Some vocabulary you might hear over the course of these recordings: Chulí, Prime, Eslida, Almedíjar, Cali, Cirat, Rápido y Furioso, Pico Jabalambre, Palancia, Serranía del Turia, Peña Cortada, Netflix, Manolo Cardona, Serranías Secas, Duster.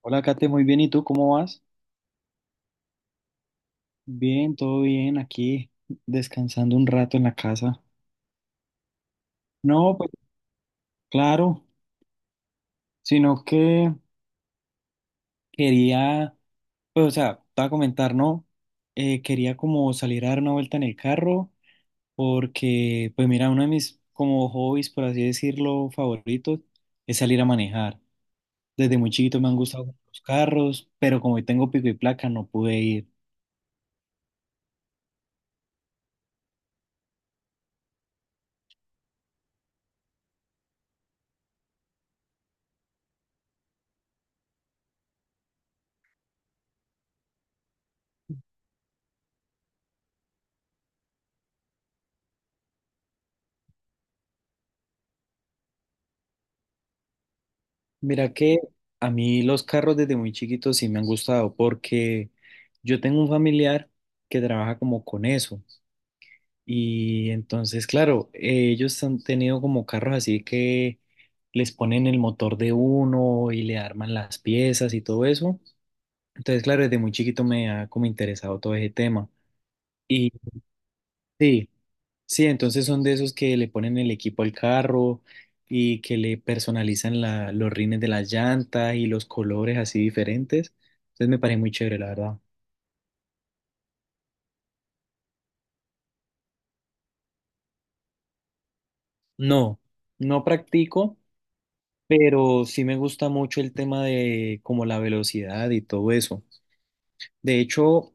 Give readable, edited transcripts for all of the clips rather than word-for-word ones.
Hola, Kate, muy bien. ¿Y tú cómo vas? Bien, todo bien, aquí descansando un rato en la casa. No, pues claro, sino que quería, pues o sea, te voy a comentar, ¿no? Quería como salir a dar una vuelta en el carro porque, pues mira, uno de mis como hobbies, por así decirlo, favoritos es salir a manejar. Desde muy chiquito me han gustado los carros, pero como hoy tengo pico y placa no pude ir. Mira que a mí los carros desde muy chiquitos sí me han gustado porque yo tengo un familiar que trabaja como con eso y entonces claro, ellos han tenido como carros así que les ponen el motor de uno y le arman las piezas y todo eso. Entonces claro, desde muy chiquito me ha como interesado todo ese tema. Y sí. Sí, entonces son de esos que le ponen el equipo al carro y que le personalizan los rines de las llantas y los colores así diferentes. Entonces me parece muy chévere, la verdad. No, no practico, pero sí me gusta mucho el tema de como la velocidad y todo eso. De hecho,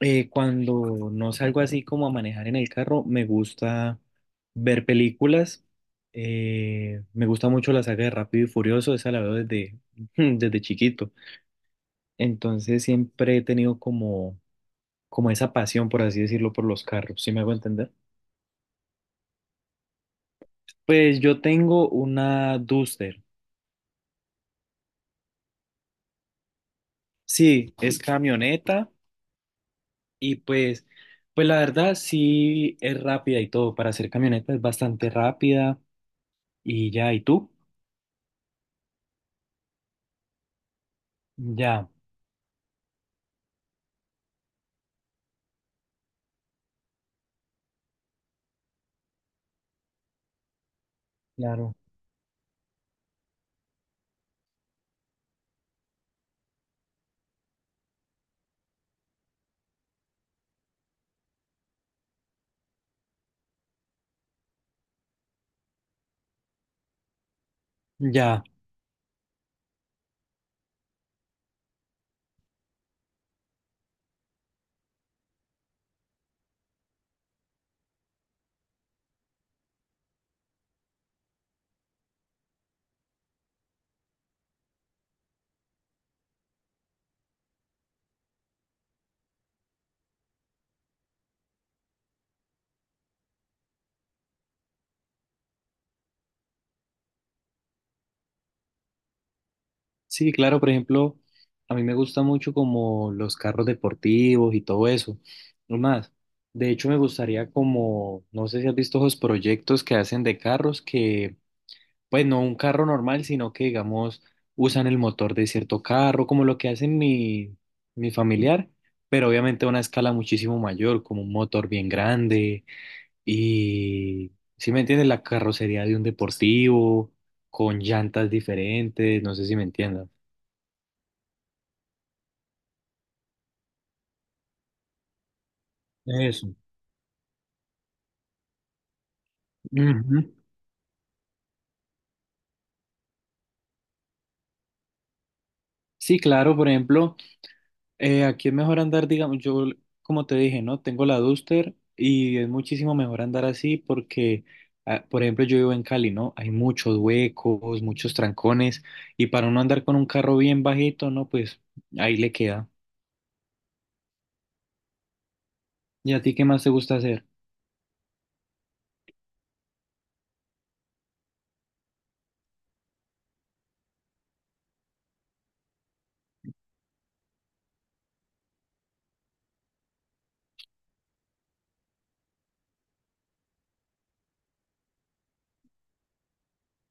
cuando no salgo así como a manejar en el carro, me gusta ver películas. Me gusta mucho la saga de Rápido y Furioso, esa la veo desde, desde chiquito. Entonces siempre he tenido como, como esa pasión, por así decirlo, por los carros, ¿sí me hago entender? Pues yo tengo una Duster. Sí, es camioneta y pues, pues la verdad sí es rápida y todo. Para ser camioneta es bastante rápida y ya, ¿y tú? Ya, claro. Ya. Sí, claro, por ejemplo, a mí me gusta mucho como los carros deportivos y todo eso. No más, de hecho me gustaría como, no sé si has visto esos proyectos que hacen de carros que, pues no un carro normal, sino que digamos usan el motor de cierto carro, como lo que hacen mi familiar, pero obviamente a una escala muchísimo mayor, como un motor bien grande y, si me entiendes, la carrocería de un deportivo, con llantas diferentes, no sé si me entiendas. Eso. Ujú. Sí, claro, por ejemplo, aquí es mejor andar, digamos, yo, como te dije, ¿no? Tengo la Duster y es muchísimo mejor andar así porque, ah, por ejemplo, yo vivo en Cali, ¿no? Hay muchos huecos, muchos trancones y para uno andar con un carro bien bajito, ¿no? Pues ahí le queda. ¿Y a ti qué más te gusta hacer?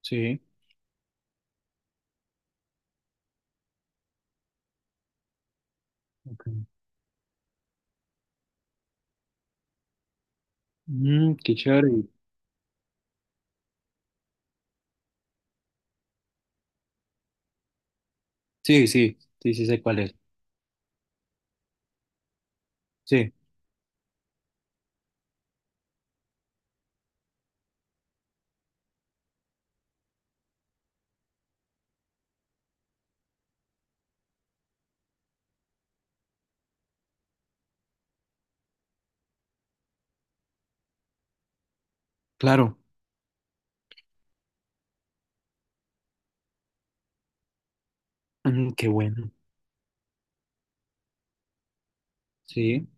Sí. Ok. Mm, qué chévere. Sí, sí, sí, sí sé cuál es. Sí, claro. Mm, qué bueno. Sí,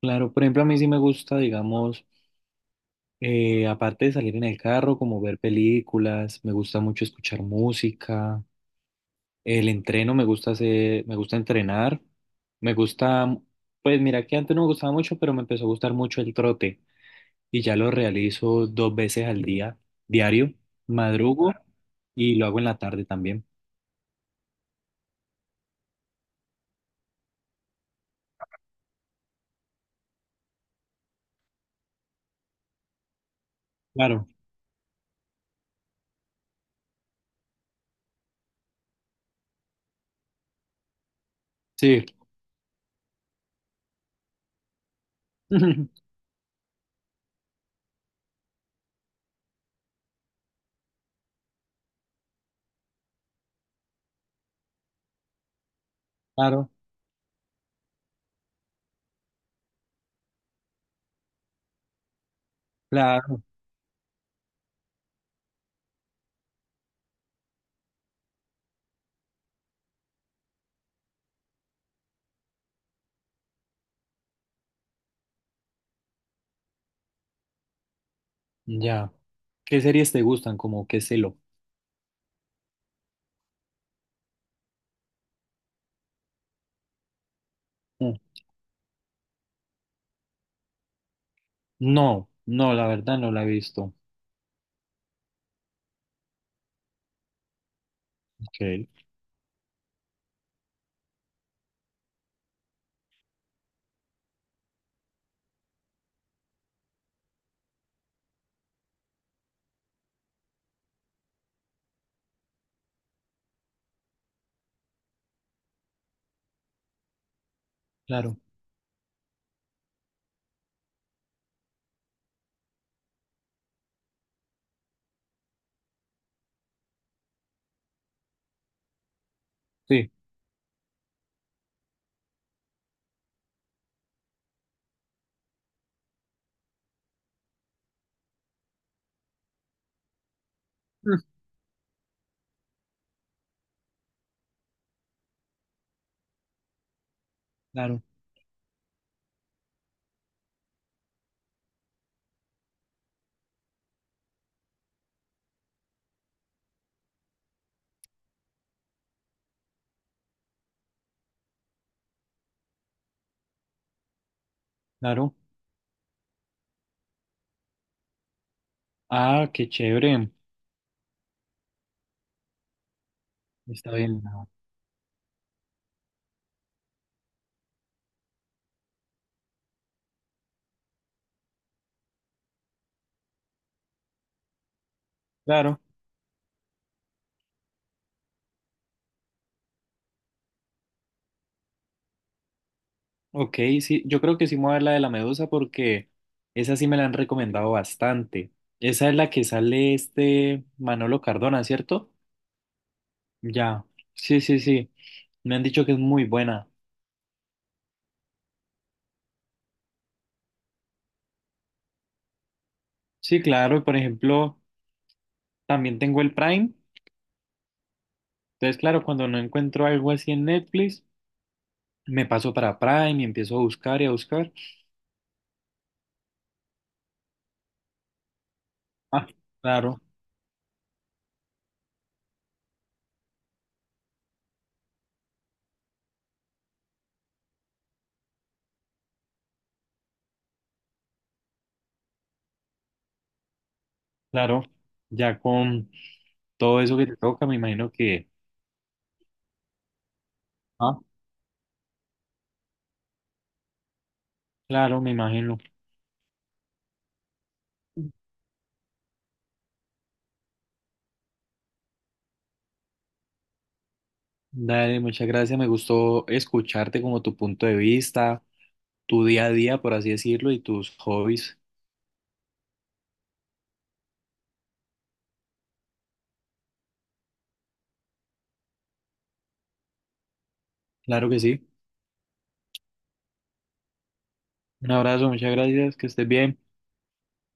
claro. Por ejemplo, a mí sí me gusta, digamos. Aparte de salir en el carro, como ver películas, me gusta mucho escuchar música, el entreno me gusta hacer, me gusta entrenar, me gusta, pues mira que antes no me gustaba mucho, pero me empezó a gustar mucho el trote y ya lo realizo 2 veces al día, diario, madrugo y lo hago en la tarde también. Claro, sí, claro, claro, ya. ¿Qué series te gustan? Como qué celo. Mm. No, no, la verdad no la he visto. Ok, claro, sí. Claro, claro. Ah, qué chévere. Está bien. Claro. Ok, sí, yo creo que sí me voy a ver la de la medusa porque esa sí me la han recomendado bastante. Esa es la que sale este Manolo Cardona, ¿cierto? Ya. Sí, sí, sí. Me han dicho que es muy buena. Sí, claro. Y por ejemplo, también tengo el Prime. Entonces, claro, cuando no encuentro algo así en Netflix, me paso para Prime y empiezo a buscar y a buscar. Ah, claro. Claro, ya con todo eso que te toca, me imagino que, ah, claro, me imagino. Dale, muchas gracias. Me gustó escucharte como tu punto de vista, tu día a día, por así decirlo, y tus hobbies. Claro que sí. Un abrazo, muchas gracias, que estés bien.